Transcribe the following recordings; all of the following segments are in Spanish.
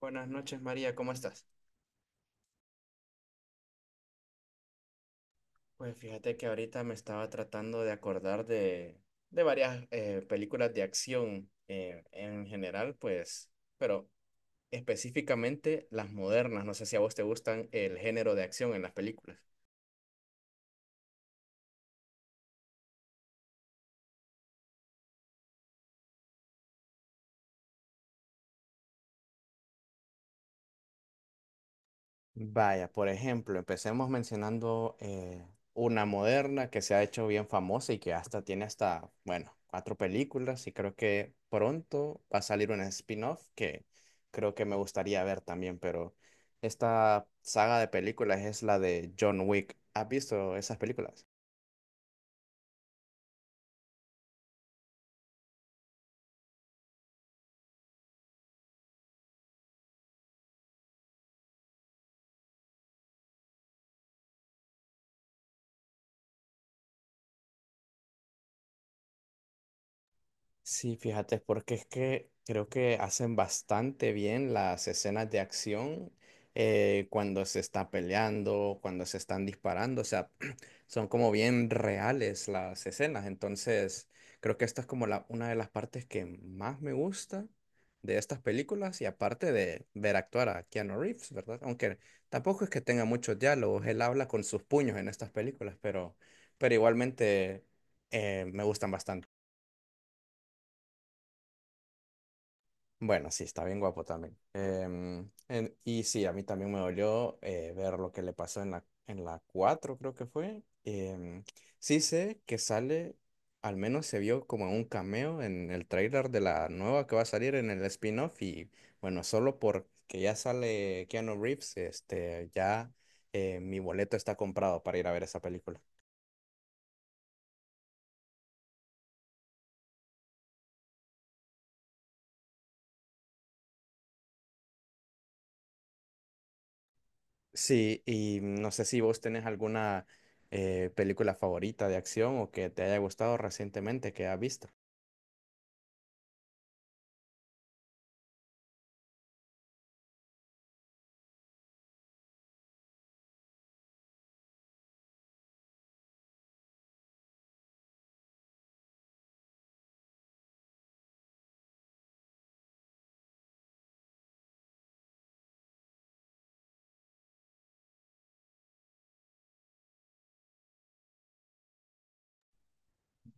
Buenas noches, María, ¿cómo estás? Pues fíjate que ahorita me estaba tratando de acordar de varias películas de acción en general, pues, pero específicamente las modernas. No sé si a vos te gustan el género de acción en las películas. Vaya, por ejemplo, empecemos mencionando una moderna que se ha hecho bien famosa y que hasta tiene hasta, bueno, cuatro películas y creo que pronto va a salir una spin-off que creo que me gustaría ver también, pero esta saga de películas es la de John Wick. ¿Has visto esas películas? Sí, fíjate, porque es que creo que hacen bastante bien las escenas de acción cuando se está peleando, cuando se están disparando, o sea, son como bien reales las escenas. Entonces, creo que esta es como una de las partes que más me gusta de estas películas y aparte de ver actuar a Keanu Reeves, ¿verdad? Aunque tampoco es que tenga muchos diálogos, él habla con sus puños en estas películas, pero igualmente me gustan bastante. Bueno, sí, está bien guapo también. Y sí, a mí también me dolió ver lo que le pasó en la 4 creo que fue. Sí sé que sale, al menos se vio como un cameo en el trailer de la nueva que va a salir en el spin-off. Y bueno, solo porque ya sale Keanu Reeves, este, ya mi boleto está comprado para ir a ver esa película. Sí, y no sé si vos tenés alguna película favorita de acción o que te haya gustado recientemente que has visto.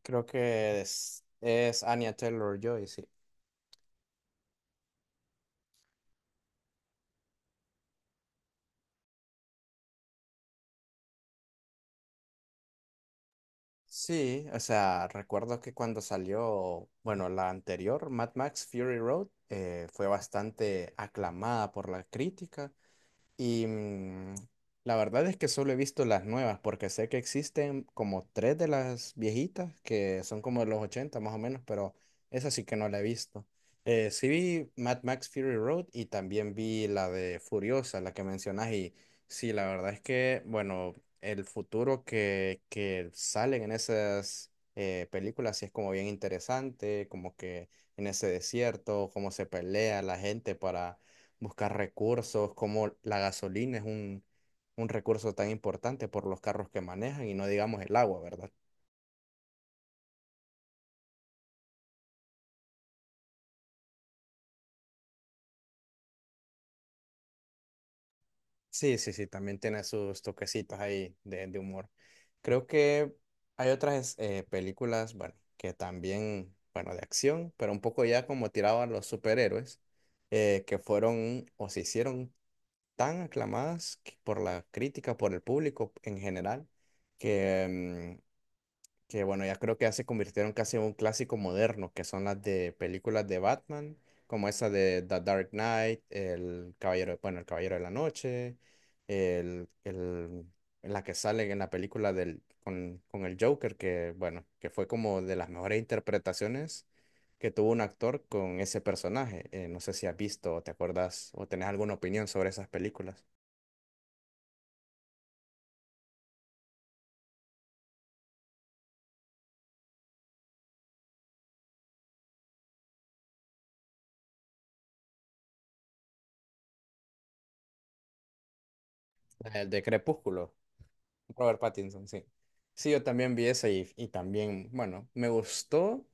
Creo que es Anya Taylor-Joy, sí. Sí, o sea, recuerdo que cuando salió, bueno, la anterior, Mad Max Fury Road, fue bastante aclamada por la crítica. Y la verdad es que solo he visto las nuevas, porque sé que existen como tres de las viejitas, que son como de los 80 más o menos, pero esa sí que no la he visto. Sí vi Mad Max Fury Road y también vi la de Furiosa, la que mencionas, y sí, la verdad es que, bueno, el futuro que salen en esas películas sí es como bien interesante, como que en ese desierto, cómo se pelea la gente para buscar recursos, como la gasolina es un recurso tan importante por los carros que manejan y no digamos el agua, ¿verdad? Sí, sí, sí, también tiene sus toquecitos ahí de humor. Creo que hay otras películas, bueno, que también, bueno, de acción, pero un poco ya como tiraban los superhéroes, que fueron o se hicieron tan aclamadas por la crítica, por el público en general, que mm, que bueno, ya creo que ya se convirtieron casi en un clásico moderno, que son las de películas de Batman, como esa de The Dark Knight, el Caballero, bueno, el Caballero de la Noche, el, el- la que sale en la película del, con el Joker, que bueno, que fue como de las mejores interpretaciones que tuvo un actor con ese personaje. No sé si has visto o te acordás o tenés alguna opinión sobre esas películas. La de Crepúsculo. Robert Pattinson, sí. Sí, yo también vi eso y también, bueno, me gustó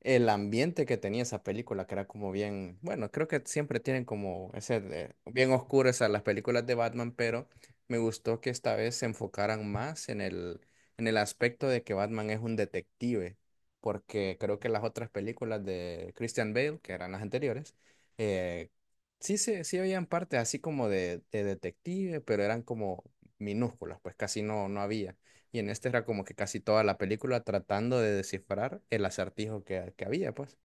el ambiente que tenía esa película, que era como bien, bueno, creo que siempre tienen como ese, bien oscuras las películas de Batman, pero me gustó que esta vez se enfocaran más en en el aspecto de que Batman es un detective, porque creo que las otras películas de Christian Bale, que eran las anteriores, eh, sí, se sí habían partes así como de detective, pero eran como minúsculas, pues casi no, no había. Y en este era como que casi toda la película tratando de descifrar el acertijo que había, pues.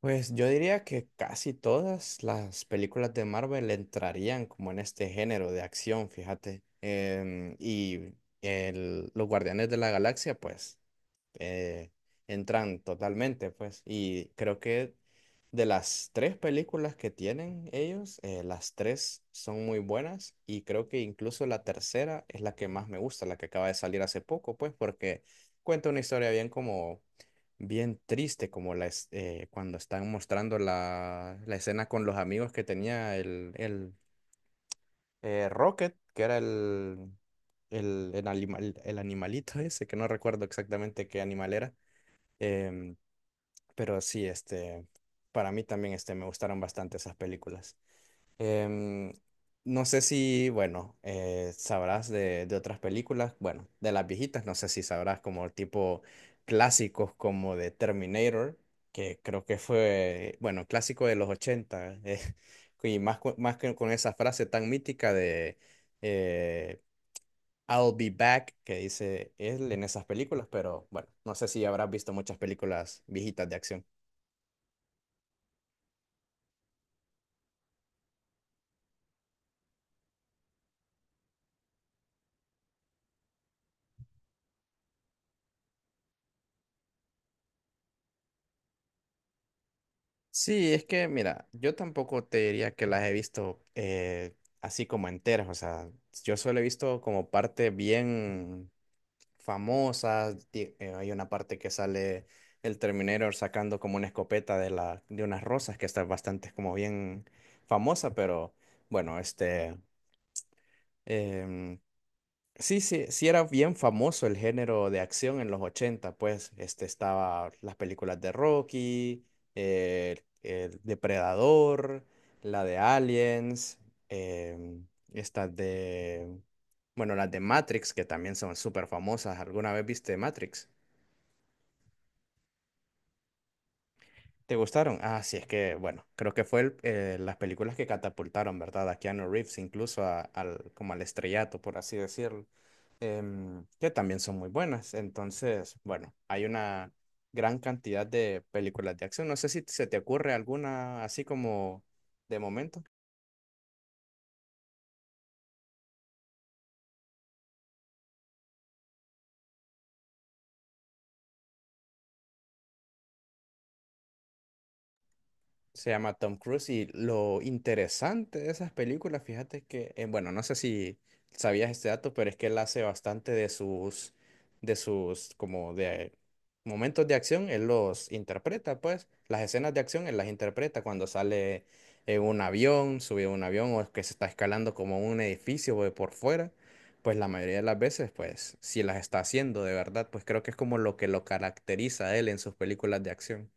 Pues yo diría que casi todas las películas de Marvel entrarían como en este género de acción, fíjate. Y los Guardianes de la Galaxia, pues eh, entran totalmente, pues. Y creo que de las tres películas que tienen ellos, las tres son muy buenas y creo que incluso la tercera es la que más me gusta, la que acaba de salir hace poco, pues, porque cuenta una historia bien como, bien triste, como cuando están mostrando la escena con los amigos que tenía el Rocket, que era el animal, el animalito ese, que no recuerdo exactamente qué animal era. Em, pero sí, este, para mí también este, me gustaron bastante esas películas. Em, no sé si, bueno, sabrás de otras películas, bueno, de las viejitas, no sé si sabrás como tipo clásicos como de Terminator, que creo que fue, bueno, clásico de los 80 y más, más que con esa frase tan mítica de... eh, I'll Be Back, que dice él en esas películas, pero bueno, no sé si habrás visto muchas películas viejitas de acción. Sí, es que mira, yo tampoco te diría que las he visto así como enteras, o sea, yo solo he visto como parte bien famosas, hay una parte que sale el Terminator sacando como una escopeta de de unas rosas que está bastante como bien famosa, pero bueno, este... em, sí, sí, sí era bien famoso el género de acción en los ochenta, pues este estaba las películas de Rocky, el Depredador, la de Aliens, em, estas de, bueno, las de Matrix, que también son súper famosas. ¿Alguna vez viste Matrix? ¿Te gustaron? Ah, sí, es que, bueno, creo que fue las películas que catapultaron, ¿verdad? A Keanu Reeves, incluso al, como al estrellato, por así decirlo. Em, que también son muy buenas. Entonces, bueno, hay una gran cantidad de películas de acción. No sé si se te ocurre alguna así como de momento. Se llama Tom Cruise y lo interesante de esas películas, fíjate que, bueno, no sé si sabías este dato, pero es que él hace bastante como de momentos de acción, él los interpreta, pues, las escenas de acción él las interpreta cuando sale en un avión, sube a un avión o es que se está escalando como un edificio o de por fuera, pues la mayoría de las veces, pues, si las está haciendo de verdad, pues creo que es como lo que lo caracteriza a él en sus películas de acción.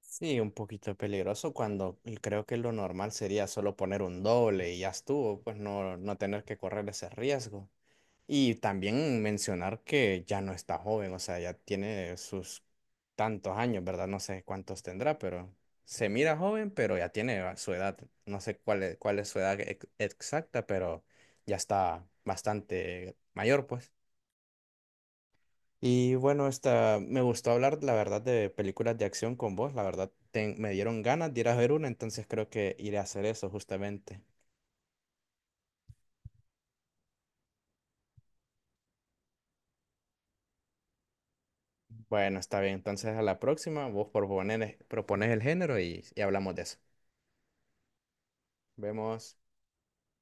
Sí, un poquito peligroso cuando y creo que lo normal sería solo poner un doble y ya estuvo, pues no, no tener que correr ese riesgo. Y también mencionar que ya no está joven, o sea, ya tiene sus tantos años, ¿verdad? No sé cuántos tendrá, pero se mira joven, pero ya tiene su edad. No sé cuál es su edad exacta, pero ya está bastante mayor, pues. Y bueno, esta, me gustó hablar, la verdad, de películas de acción con vos. La verdad, me dieron ganas de ir a ver una, entonces creo que iré a hacer eso justamente. Bueno, está bien. Entonces a la próxima, vos propones, propones el género y hablamos de eso. Vemos.